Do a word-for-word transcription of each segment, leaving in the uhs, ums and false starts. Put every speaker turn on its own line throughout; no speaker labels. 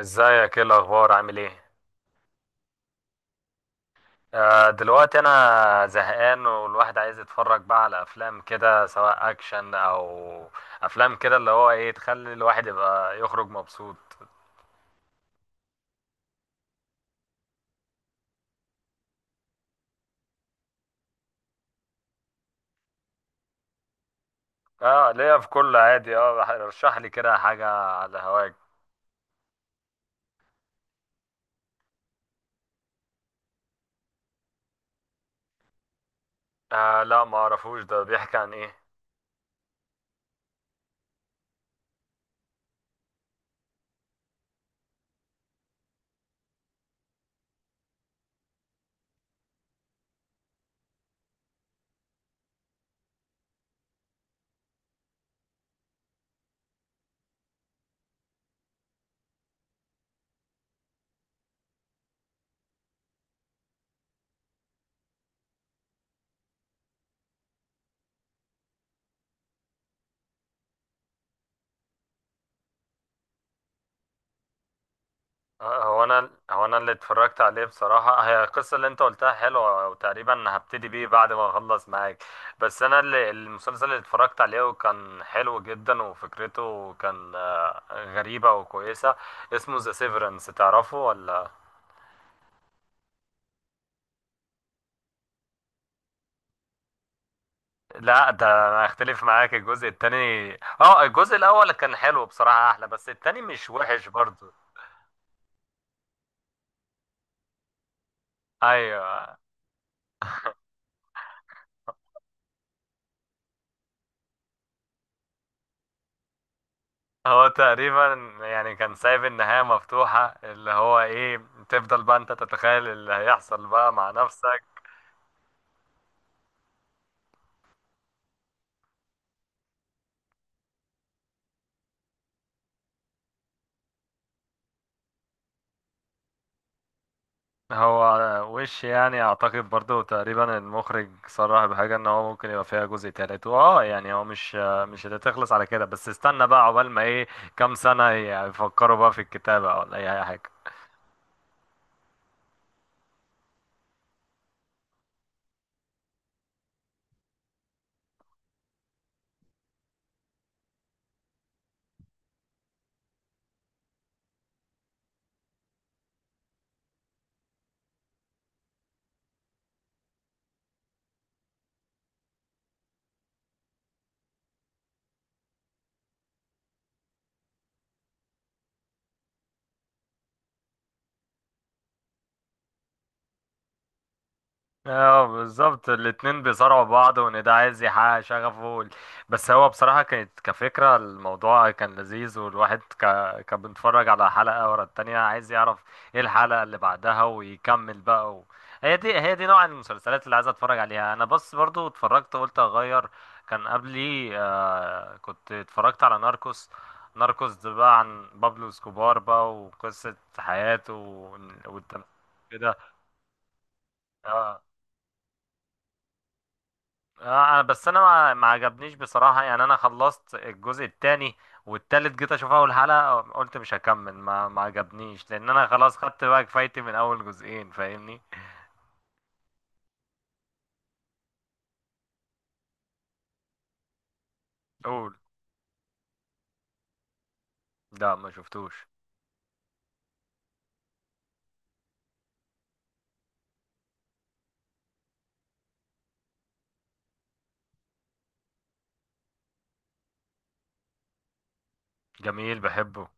ازيك، ايه الاخبار، عامل ايه؟ آه دلوقتي انا زهقان، والواحد عايز يتفرج بقى على افلام كده، سواء اكشن او افلام كده اللي هو ايه، تخلي الواحد يبقى يخرج مبسوط. اه ليا في كل، عادي. اه رشح لي كده حاجة على هواك. آه لا، ما اعرفوش، ده بيحكي عن ايه؟ آه، هو انا هو انا اللي اتفرجت عليه بصراحه، هي القصه اللي انت قلتها حلوه، وتقريبا هبتدي بيه بعد ما اخلص معاك. بس انا اللي المسلسل اللي اتفرجت عليه وكان حلو جدا، وفكرته كان آه، غريبه وكويسه، اسمه ذا سيفرنس، تعرفه ولا؟ لا، ده انا اختلف معاك الجزء التاني. اه الجزء الاول كان حلو بصراحه احلى، بس التاني مش وحش برضه. ايوه. هو تقريبا يعني كان سايب النهاية مفتوحة، اللي هو ايه، تفضل بقى انت تتخيل اللي هيحصل بقى مع نفسك. هو وش يعني اعتقد برضو تقريبا المخرج صرح بحاجة ان هو ممكن يبقى فيها جزء تالت، واه يعني هو مش مش هتخلص على كده، بس استنى بقى عقبال ما ايه كام سنة يفكروا بقى في الكتابة ولا اي حاجة. اه بالظبط، الاتنين بيصارعوا بعض، وان ده عايز يحقق شغفه وال- بس هو بصراحة كانت كفكرة، الموضوع كان لذيذ، والواحد ك... كان بيتفرج على حلقة ورا التانية، عايز يعرف ايه الحلقة اللي بعدها ويكمل بقى و... هي دي هي دي نوع المسلسلات اللي عايز اتفرج عليها انا، بس برضو اتفرجت قلت اغير. كان قبلي آه كنت اتفرجت على ناركوس. ناركوس ده بقى عن بابلو اسكوبار بقى، وقصة حياته وال- والتمثيل كده. آه. اه انا بس انا ما ما عجبنيش بصراحة، يعني انا خلصت الجزء التاني، والتالت جيت اشوف اول حلقة قلت مش هكمل، ما ما عجبنيش، لان انا خلاص خدت بقى كفايتي من اول جزئين، فاهمني. قول. لا، ما شفتوش. جميل، بحبه.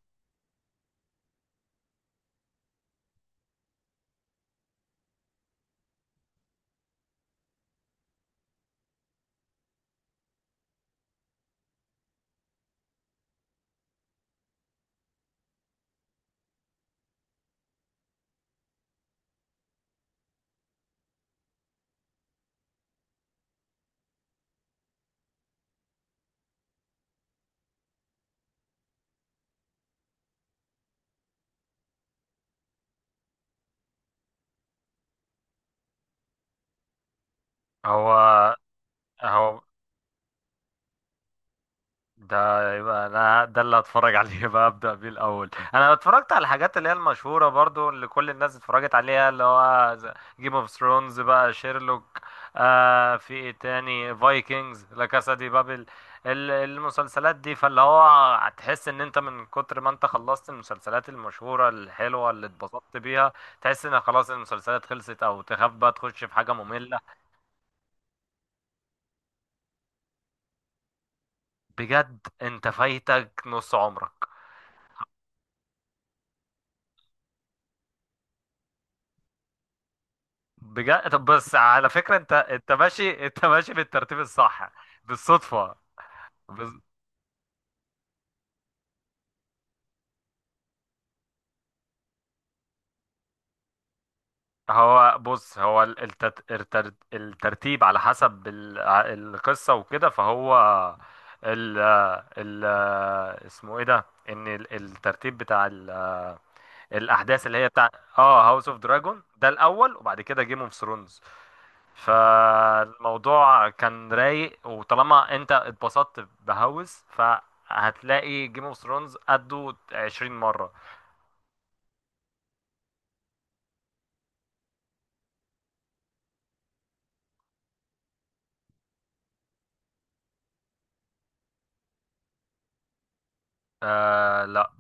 هو هو ده يبقى انا ده اللي هتفرج عليه بقى، ابدا بيه الاول. انا اتفرجت على الحاجات اللي هي المشهوره برضو اللي كل الناس اتفرجت عليها، اللي هو جيم اوف ثرونز بقى، شيرلوك، آه في ايه تاني، فايكنجز، لا كاسا دي بابل، ال- المسلسلات دي، فاللي هو هتحس ان انت من كتر ما انت خلصت المسلسلات المشهوره الحلوه اللي اتبسطت بيها، تحس ان خلاص المسلسلات خلصت، او تخاف بقى تخش في حاجه ممله. بجد انت فايتك نص عمرك، بجد. طب بس على فكرة، انت انت ماشي، انت ماشي بالترتيب الصح بالصدفة. بز... هو بص، هو ال- التت... التر... الترتيب على حسب ال... ع- القصة وكده، فهو ال... ال... اسمه ايه ده، ان ال- الترتيب بتاع ال... الاحداث اللي هي بتاع، اه، هاوس اوف دراجون ده الاول، وبعد كده جيم اوف ثرونز. فالموضوع كان رايق، وطالما انت اتبسطت بهوس، فهتلاقي جيم اوف ثرونز قده عشرين مرة. آه لا.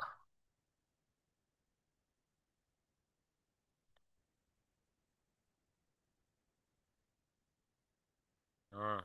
مم.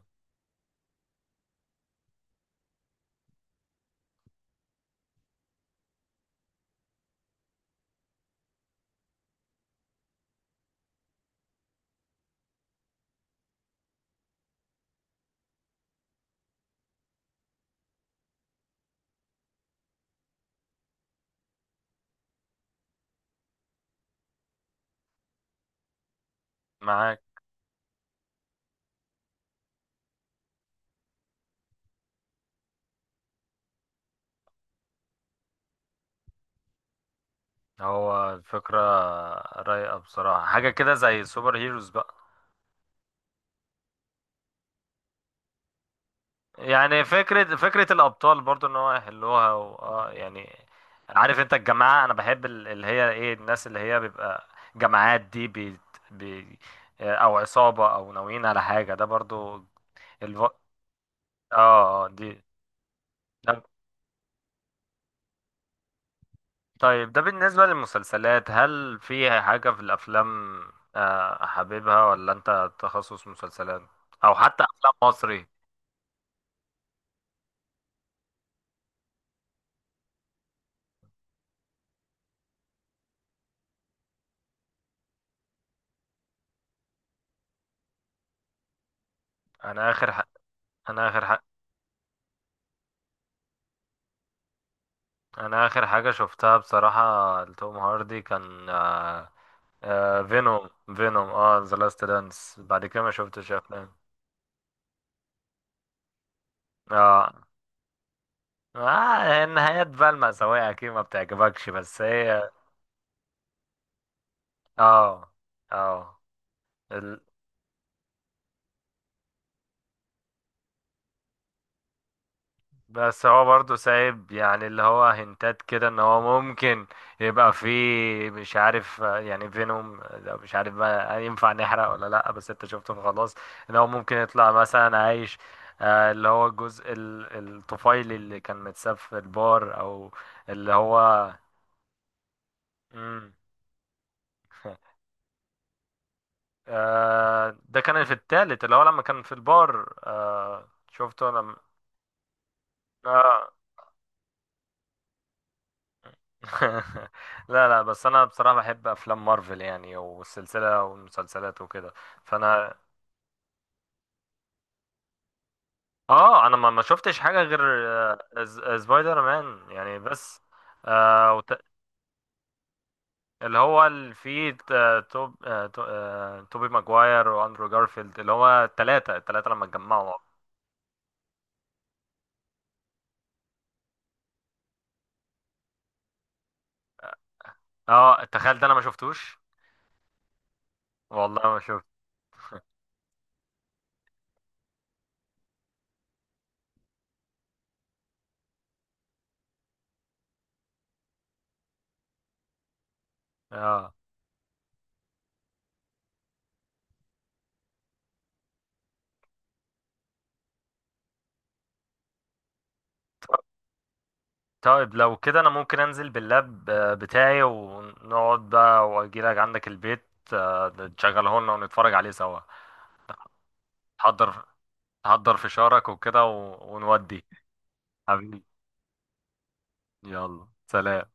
معاك. هو الفكرة رايقة بصراحة، حاجة كده زي سوبر هيروز بقى، يعني فكرة فكرة الأبطال برضو، إن هو يحلوها و... آه يعني عارف أنت الجماعة، أنا بحب ال- اللي هي إيه، الناس اللي هي بيبقى جماعات دي بي... بي... أو عصابة، أو ناويين على حاجة، ده برضو. اه. آه، دي. ده- طيب، ده بالنسبة للمسلسلات، هل في حاجة في الأفلام آه، حاببها، ولا أنت تخصص مسلسلات، أو حتى أفلام مصري؟ أنا آخر ح... أنا آخر ح... أنا آخر حاجة شفتها بصراحة لتوم هاردي كان آه... آه... فينوم. فينوم اه ذا لاست دانس، بعد كده ما شفتش أفلام. اه. آه، النهايات بقى المأساوية أكيد ما بتعجبكش، بس هي، اه، اه، بس هو برضه سايب يعني، اللي هو هنتات كده ان هو ممكن يبقى فيه، مش عارف آه، يعني فينوم ده مش عارف بقى ينفع نحرق ولا لا، بس انت شفته فخلاص، ان هو ممكن يطلع مثلا عايش، آه، اللي هو الجزء ال- الطفيلي اللي كان متساب في البار، او اللي هو، مم. آه، ده كان في التالت اللي هو لما كان في البار، آه، شفته لما، آه. لا لا، بس انا بصراحه بحب افلام مارفل، يعني والسلسله والمسلسلات وكده، فانا اه انا ما ما شفتش حاجه غير آه، ز- سبايدر مان يعني بس، آه وت... اللي هو اللي فيه آه، توب آه، تو... آه، توبي ماجواير واندرو جارفيلد، اللي هو التلاتة التلاتة لما اتجمعوا. اه تخيل، ده انا ما شفتوش، والله ما شفت. اه طيب لو كده انا ممكن انزل باللاب آه، بتاعي، ونقعد بقى واجيلك عندك البيت، آه، تشغله لنا، ونتفرج عليه سوا. حضر، حضر فشارك وكده و- ونودي. حبيبي، يلا، سلام.